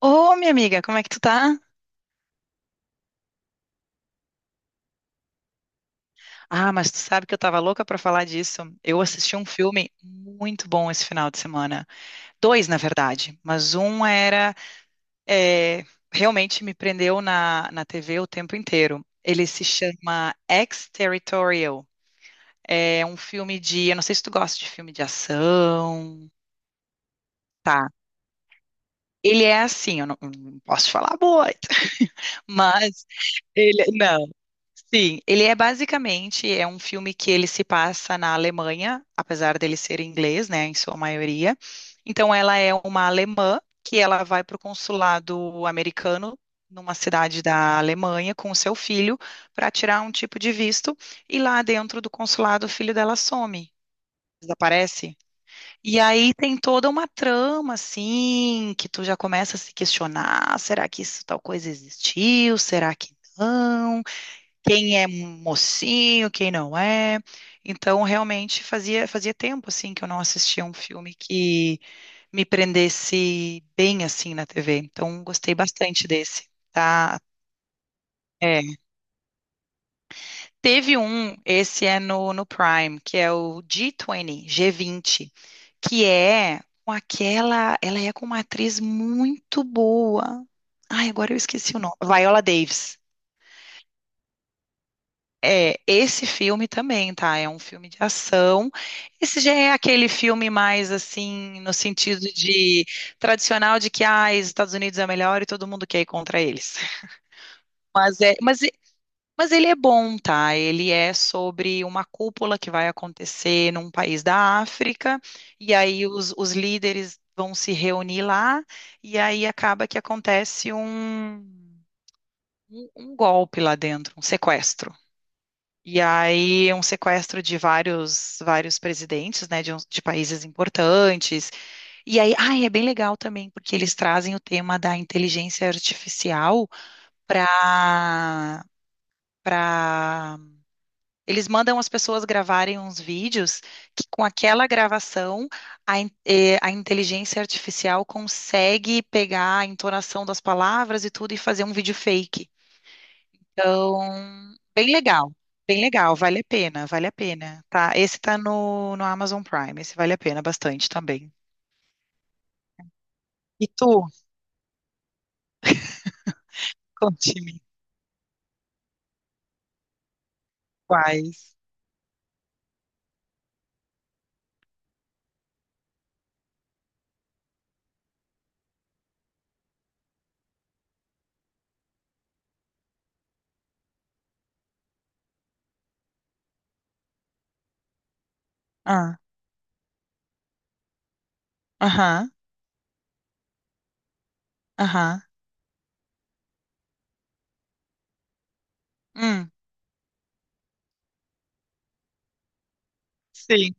Ô, minha amiga, como é que tu tá? Ah, mas tu sabe que eu tava louca pra falar disso. Eu assisti um filme muito bom esse final de semana. Dois, na verdade, mas um era é, realmente me prendeu na TV o tempo inteiro. Ele se chama Ex-Territorial. É um filme de, eu não sei se tu gosta de filme de ação. Tá. Ele é assim, eu não posso falar muito, mas ele, não. Sim, ele é basicamente é um filme que ele se passa na Alemanha, apesar dele ser inglês, né, em sua maioria. Então ela é uma alemã que ela vai para o consulado americano numa cidade da Alemanha com o seu filho para tirar um tipo de visto e lá dentro do consulado o filho dela some, desaparece. E aí tem toda uma trama, assim, que tu já começa a se questionar: será que isso tal coisa existiu? Será que não? Quem é mocinho, quem não é. Então, realmente fazia tempo assim que eu não assistia um filme que me prendesse bem assim na TV. Então, gostei bastante desse. Tá? É. Teve um, esse é no Prime, que é o G20, G20, que é com aquela, ela é com uma atriz muito boa. Ai, agora eu esqueci o nome. Viola Davis. É, esse filme também, tá? É um filme de ação. Esse já é aquele filme mais assim, no sentido de tradicional de que ah, os Estados Unidos é melhor e todo mundo quer ir contra eles. Mas é, mas, e- mas ele é bom, tá? Ele é sobre uma cúpula que vai acontecer num país da África, e aí os líderes vão se reunir lá, e aí acaba que acontece um, um golpe lá dentro, um sequestro. E aí, um sequestro de vários, vários presidentes, né, de países importantes. E aí, ah, é bem legal também, porque eles trazem o tema da inteligência artificial para para eles mandam as pessoas gravarem uns vídeos que com aquela gravação a, a inteligência artificial consegue pegar a entonação das palavras e tudo e fazer um vídeo fake. Então, bem legal, bem legal, vale a pena, tá? Esse tá no Amazon Prime, esse vale a pena bastante também. E tu, conte-me quais. Ah, aham, aham, hum, sim.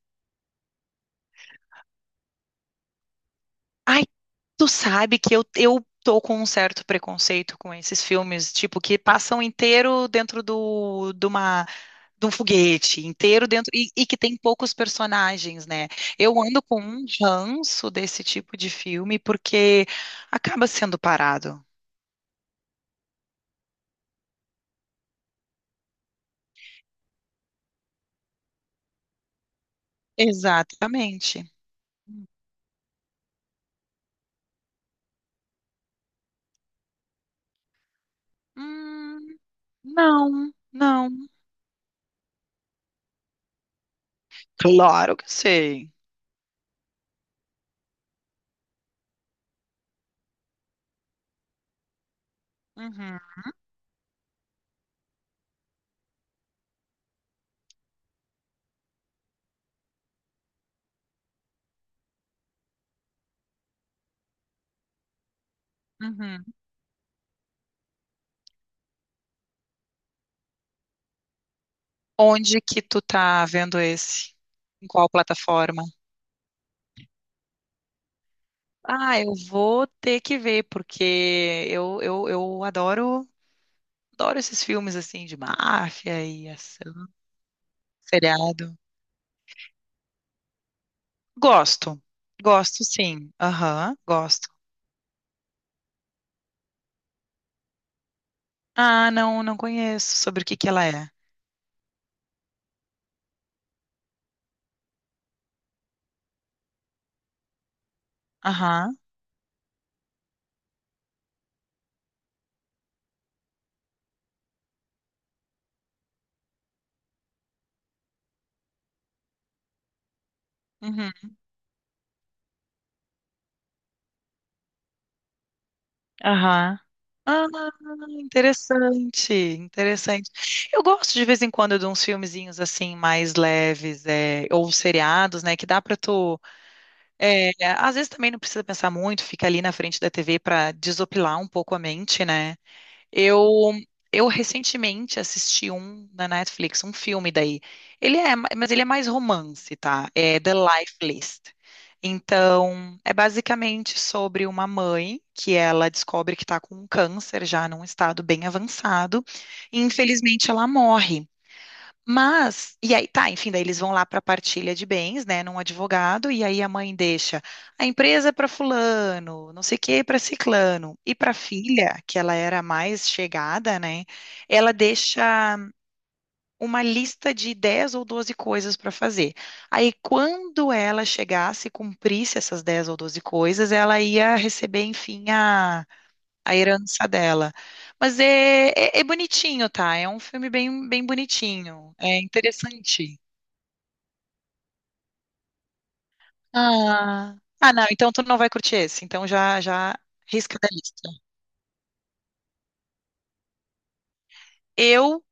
Ai, tu sabe que eu tô com um certo preconceito com esses filmes, tipo, que passam inteiro dentro do, de uma de um foguete inteiro dentro e que tem poucos personagens, né? Eu ando com um ranço desse tipo de filme porque acaba sendo parado. Exatamente. Hum, não, não. Claro que sei. Uhum, uhum. Onde que tu tá vendo esse? Em qual plataforma? Ah, eu vou ter que ver, porque eu adoro, adoro esses filmes assim de máfia e ação, seriado. Gosto. Gosto, sim. Aham, gosto. Ah, não, não conheço sobre o que que ela é. Aham, uhum, aham. Ah, interessante, interessante. Eu gosto de vez em quando de uns filmezinhos assim mais leves, é, ou seriados, né, que dá pra tu, é, às vezes também não precisa pensar muito, fica ali na frente da TV pra desopilar um pouco a mente, né? Eu eu recentemente assisti um na Netflix, um filme daí. Mas ele é mais romance, tá? É The Life List. Então, é basicamente sobre uma mãe que ela descobre que está com um câncer já num estado bem avançado e infelizmente ela morre. Mas, e aí, tá, enfim, daí eles vão lá para a partilha de bens, né, num advogado, e aí a mãe deixa a empresa para fulano, não sei o que para ciclano, e para filha, que ela era a mais chegada, né, ela deixa uma lista de 10 ou 12 coisas para fazer. Aí, quando ela chegasse e cumprisse essas 10 ou 12 coisas, ela ia receber, enfim, a herança dela. É bonitinho, tá? É um filme bem, bem bonitinho. É interessante. Ah, não, então tu não vai curtir esse. Então já risca da lista. Eu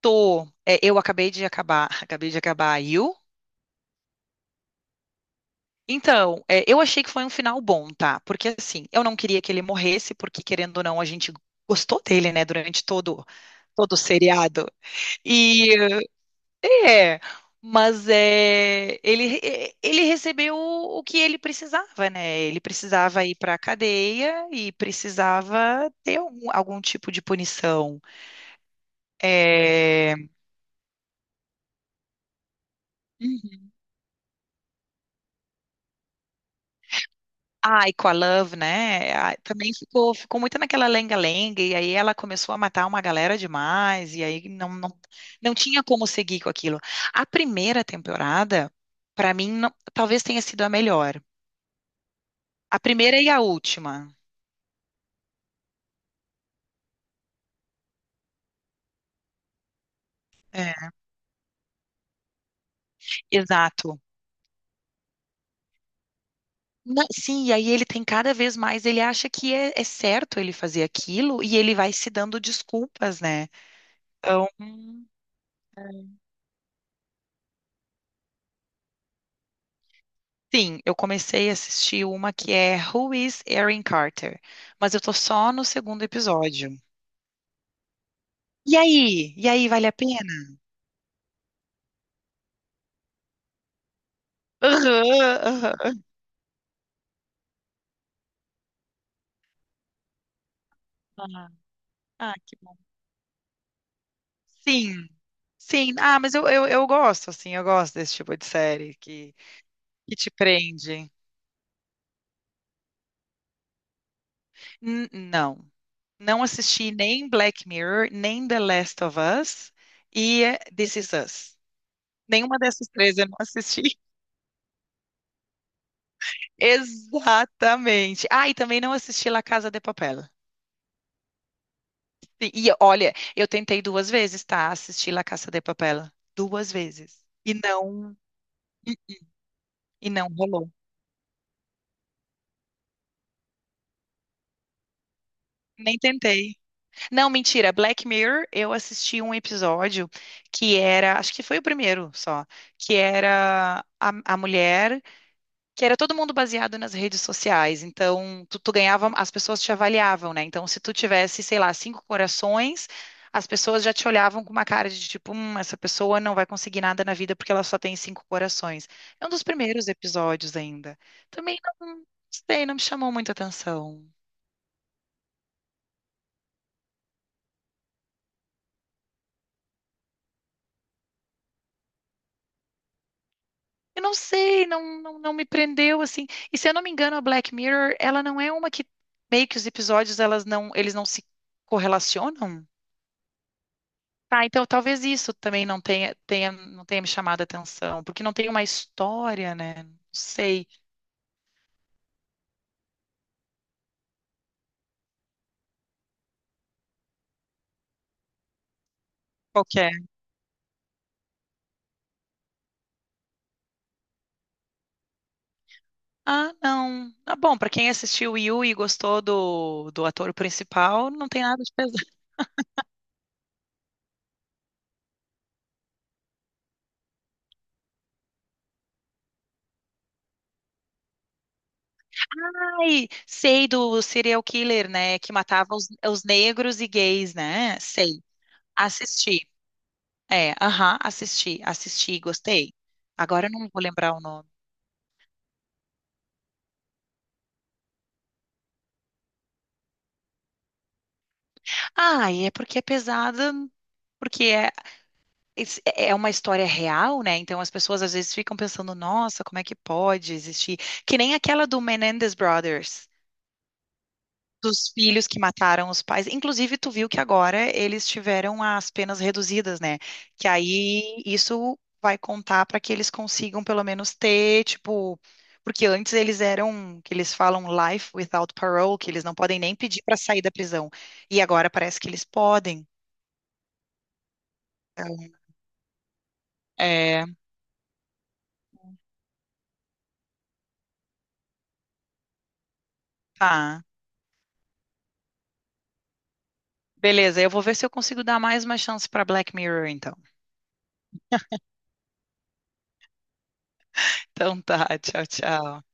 tô. É, eu acabei de acabar. Acabei de acabar a You. Então, é, eu achei que foi um final bom, tá? Porque assim, eu não queria que ele morresse, porque querendo ou não, a gente gostou dele, né, durante todo o seriado. E é, mas é, ele recebeu o que ele precisava, né? Ele precisava ir para a cadeia e precisava ter algum, algum tipo de punição. É, uhum. Ah, e com a Love, né? Ah, também ficou, ficou muito naquela lenga-lenga, e aí ela começou a matar uma galera demais, e aí não tinha como seguir com aquilo. A primeira temporada, para mim, não- talvez tenha sido a melhor. A primeira e a última. É. Exato. Não, sim, e aí ele tem cada vez mais, ele acha que é, é certo ele fazer aquilo e ele vai se dando desculpas, né? Então, sim, eu comecei a assistir uma que é Who is Erin Carter? Mas eu tô só no segundo episódio. E aí? E aí, vale a pena? Aham, aham. Ah, que bom. Sim, sim. Ah, mas eu gosto, assim, eu gosto desse tipo de série que te prende. N- não. Não assisti nem Black Mirror, nem The Last of Us e This Is Us. Nenhuma dessas três eu não assisti. Exatamente. Ah, e também não assisti La Casa de Papel. Olha, eu tentei duas vezes, tá? Assistir La Casa de Papel. Duas vezes. E não rolou. Nem tentei. Não, mentira. Black Mirror, eu assisti um episódio que era, acho que foi o primeiro só, que era a mulher que era todo mundo baseado nas redes sociais. Então, tu ganhava, as pessoas te avaliavam, né? Então, se tu tivesse, sei lá, cinco corações, as pessoas já te olhavam com uma cara de tipo, essa pessoa não vai conseguir nada na vida porque ela só tem cinco corações. É um dos primeiros episódios ainda. Também não sei, não me chamou muita atenção. Eu não sei, não me prendeu assim. E se eu não me engano, a Black Mirror, ela não é uma que meio que os episódios elas não, eles não se correlacionam? Ah, então talvez isso também tenha, não tenha me chamado a atenção, porque não tem uma história, né? Não sei qual que é. Ah, não. Ah, bom, pra quem assistiu Yu e gostou do ator principal, não tem nada de pesado. Ai, sei do serial killer, né? Que matava os negros e gays, né? Sei. Assisti. É, aham, assisti, gostei. Agora eu não vou lembrar o nome. Ah, e é porque é pesada, porque é é é uma história real, né? Então as pessoas às vezes ficam pensando, nossa, como é que pode existir? Que nem aquela do Menendez Brothers, dos filhos que mataram os pais. Inclusive, tu viu que agora eles tiveram as penas reduzidas, né? Que aí isso vai contar para que eles consigam pelo menos ter, tipo, porque antes eles eram, que eles falam life without parole, que eles não podem nem pedir para sair da prisão. E agora parece que eles podem. Então, é, tá. Beleza, eu vou ver se eu consigo dar mais uma chance para Black Mirror, então. Então tá, tchau, tchau.